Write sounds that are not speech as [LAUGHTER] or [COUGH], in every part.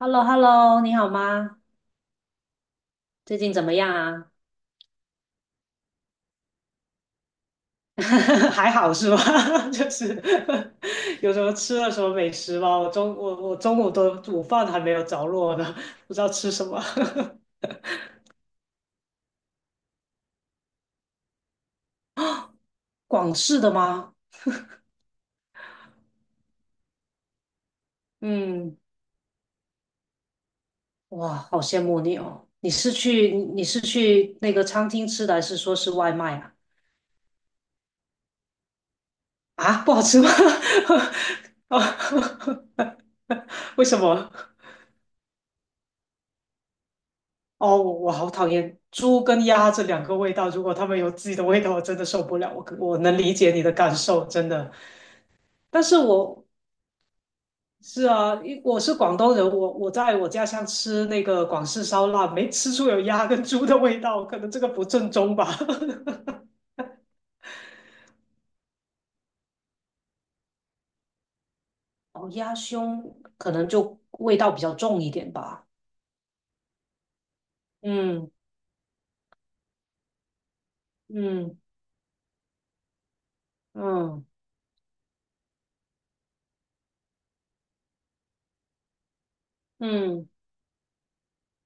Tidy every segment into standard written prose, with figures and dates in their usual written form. h e l l o 你好吗？最近怎么样啊？[LAUGHS] 还好是吧？[LAUGHS] 就是有什么吃了什么美食吗？我中午的午饭还没有着落呢，不知道吃什么。[LAUGHS] 广式的吗？嗯，哇，好羡慕你哦！你是去那个餐厅吃的，还是说是外卖啊？啊，不好吃吗？[LAUGHS] 啊，[LAUGHS] 为什么？哦，我好讨厌猪跟鸭这两个味道，如果它们有自己的味道，我真的受不了。我能理解你的感受，真的。但是我是啊，因我是广东人，我在我家乡吃那个广式烧腊，没吃出有鸭跟猪的味道，可能这个不正宗吧。[LAUGHS] 哦，鸭胸可能就味道比较重一点吧。嗯嗯嗯嗯。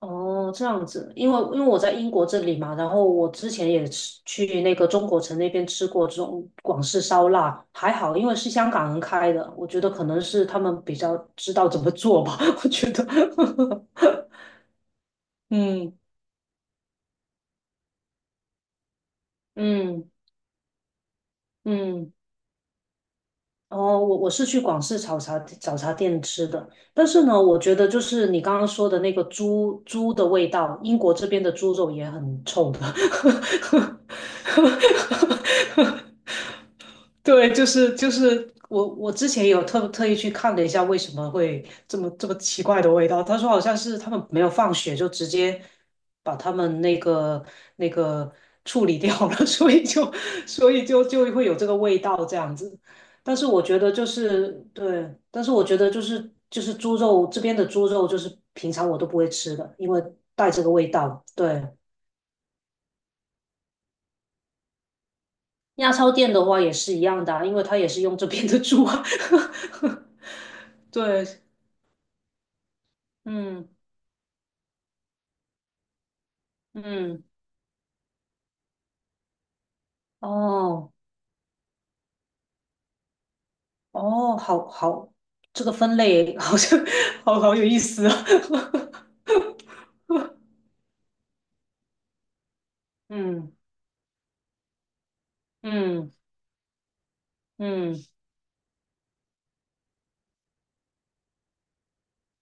哦，这样子，因为我在英国这里嘛，然后我之前也去那个中国城那边吃过这种广式烧腊，还好，因为是香港人开的，我觉得可能是他们比较知道怎么做吧，[LAUGHS] 我觉得，[LAUGHS] 嗯嗯嗯，哦，我是去广式早茶店吃的，但是呢，我觉得就是你刚刚说的那个猪的味道，英国这边的猪肉也很臭的。[LAUGHS] 对，就是我之前有特意去看了一下，为什么会这么奇怪的味道？他说好像是他们没有放血，就直接把他们那个处理掉了，[LAUGHS] 所以就所以就会有这个味道这样子。但是我觉得就是对，但是我觉得就是猪肉这边的猪肉就是平常我都不会吃的，因为带这个味道。对，亚超店的话也是一样的啊因为他也是用这边的猪啊。[LAUGHS] 对，嗯嗯，哦哦，好好，这个分类好像 [LAUGHS] 好好有意思啊。[LAUGHS] 嗯嗯嗯，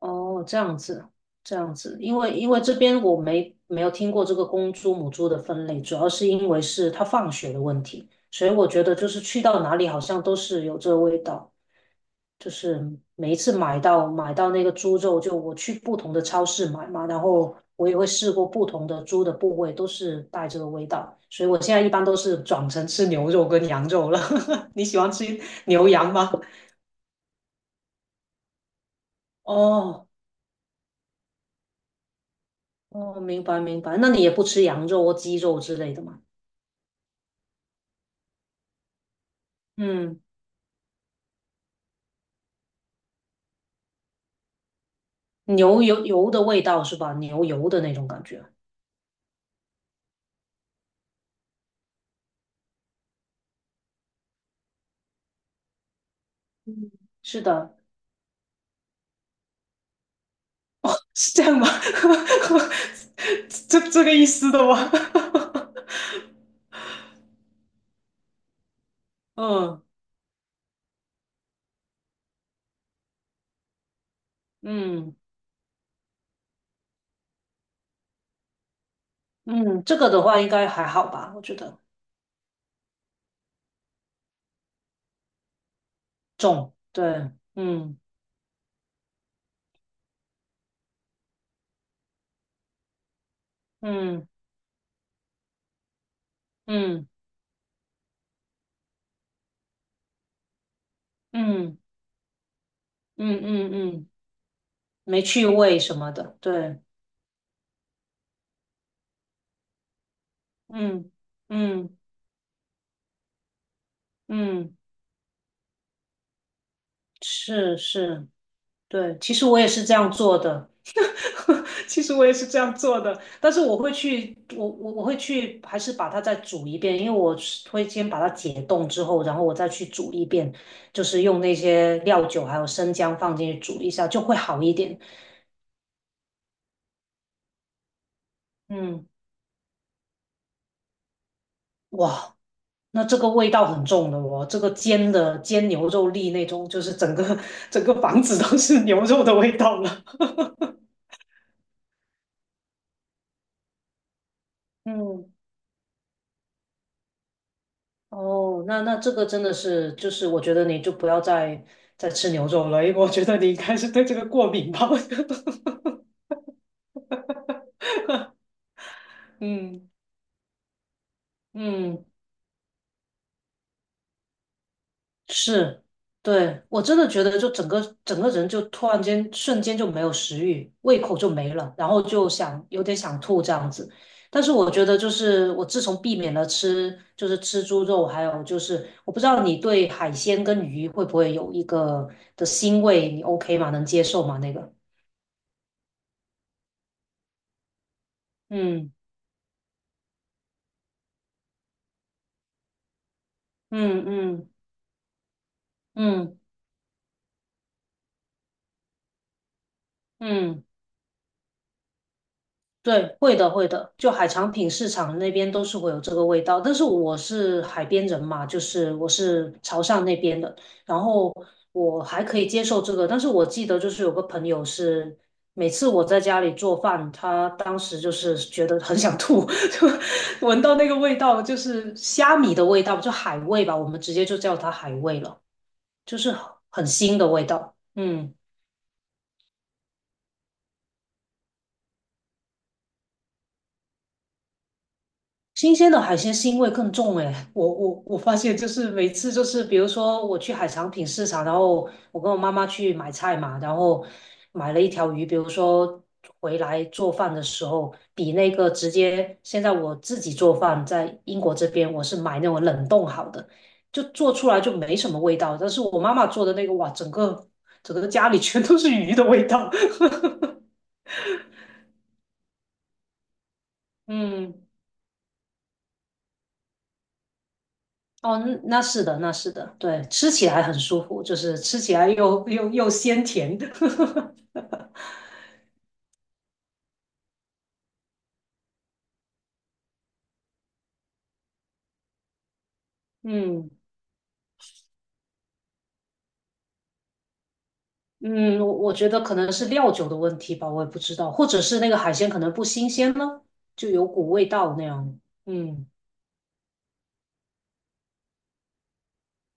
哦，这样子，因为这边我没有听过这个公猪母猪的分类，主要是因为是它放血的问题，所以我觉得就是去到哪里好像都是有这个味道。就是每一次买到那个猪肉，就我去不同的超市买嘛，然后我也会试过不同的猪的部位，都是带这个味道，所以我现在一般都是转成吃牛肉跟羊肉了。[LAUGHS] 你喜欢吃牛羊吗？哦哦，明白明白，那你也不吃羊肉或鸡肉之类的吗？嗯，牛油的味道是吧？牛油的那种感觉，是的，是这样吗？[LAUGHS] 这个意思的吗？[LAUGHS] 嗯嗯。嗯，这个的话应该还好吧，我觉得重，对，嗯嗯嗯嗯嗯嗯嗯，没趣味什么的，对，嗯嗯嗯，是是，对，其实我也是这样做的，[LAUGHS] 其实我也是这样做的，但是我会去，我会去，还是把它再煮一遍，因为我是会先把它解冻之后，然后我再去煮一遍，就是用那些料酒还有生姜放进去煮一下，就会好一点，嗯。哇，那这个味道很重的哦，这个煎牛肉粒那种，就是整个 [LAUGHS] 整个房子都是牛肉的味道了。[LAUGHS] 嗯，哦，那这个真的是，就是我觉得你就不要再吃牛肉了，因为我觉得你应该是对这个过敏吧。[LAUGHS] 嗯嗯，是，对，我真的觉得就整个人就突然间瞬间就没有食欲，胃口就没了，然后就想有点想吐这样子。但是我觉得就是我自从避免了吃就是吃猪肉，还有就是我不知道你对海鲜跟鱼会不会有一个的腥味，你 OK 吗？能接受吗？那个，嗯嗯嗯嗯嗯，对，会的，会的。就海产品市场那边都是会有这个味道，但是我是海边人嘛，就是我是潮汕那边的，然后我还可以接受这个。但是我记得就是有个朋友是，每次我在家里做饭，他当时就是觉得很想吐，[LAUGHS] 就闻到那个味道，就是虾米的味道，就海味吧，我们直接就叫它海味了，就是很腥的味道。嗯。新鲜的海鲜腥味更重诶，我发现就是每次就是比如说我去海产品市场，然后我跟我妈妈去买菜嘛，然后买了一条鱼，比如说回来做饭的时候，比那个直接现在我自己做饭在英国这边，我是买那种冷冻好的，就做出来就没什么味道，但是我妈妈做的那个哇，整个家里全都是鱼的味道，[LAUGHS] 嗯。哦，嗯那是的，那是的，对，吃起来很舒服，就是吃起来又鲜甜的。[LAUGHS] 嗯嗯，我觉得可能是料酒的问题吧，我也不知道，或者是那个海鲜可能不新鲜呢，就有股味道那样。嗯。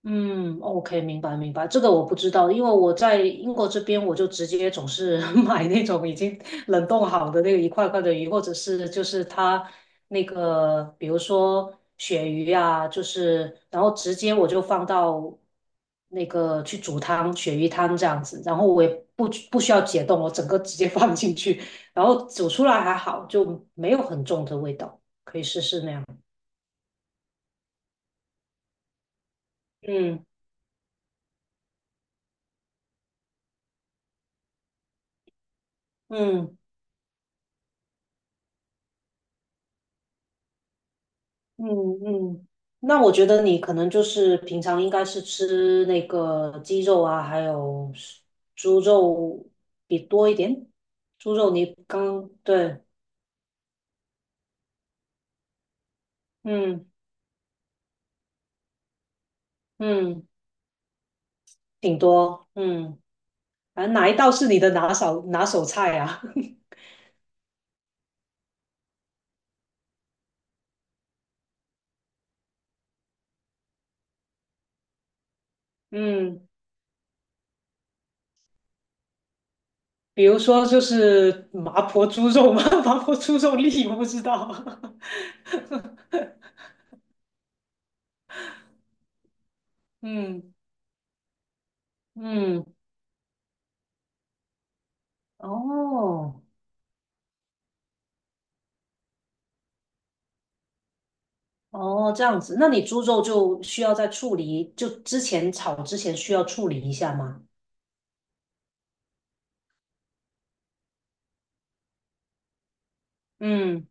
嗯，OK，明白明白，这个我不知道，因为我在英国这边，我就直接总是 [LAUGHS] 买那种已经冷冻好的那个一块块的鱼，或者是就是它那个，比如说鳕鱼啊，就是然后直接我就放到那个去煮汤，鳕鱼汤这样子，然后我也不需要解冻，我整个直接放进去，然后煮出来还好，就没有很重的味道，可以试试那样。嗯嗯。嗯嗯，那我觉得你可能就是平常应该是吃那个鸡肉啊，还有是猪肉比多一点。猪肉你刚，对，嗯嗯，挺多，嗯，反正哪一道是你的拿手菜啊？[LAUGHS] 嗯，比如说就是麻婆猪肉嘛，[LAUGHS] 麻婆猪肉粒我不知道。[LAUGHS] 嗯嗯，哦。哦，这样子，那你猪肉就需要在处理，就之前炒之前需要处理一下吗？嗯，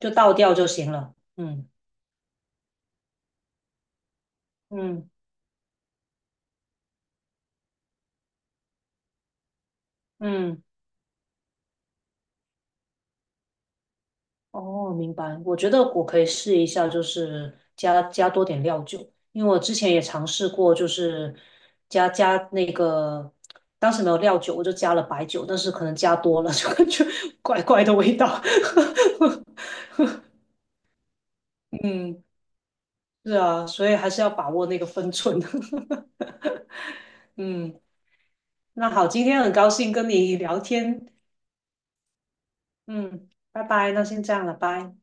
就倒掉就行了。嗯嗯嗯，哦，明白。我觉得我可以试一下，就是加多点料酒，因为我之前也尝试过，就是加那个，当时没有料酒，我就加了白酒，但是可能加多了 [LAUGHS]，就感觉怪怪的味道。[LAUGHS] 嗯，是啊，所以还是要把握那个分寸。[LAUGHS] 嗯。那好，今天很高兴跟你聊天，嗯，拜拜，那先这样了，拜。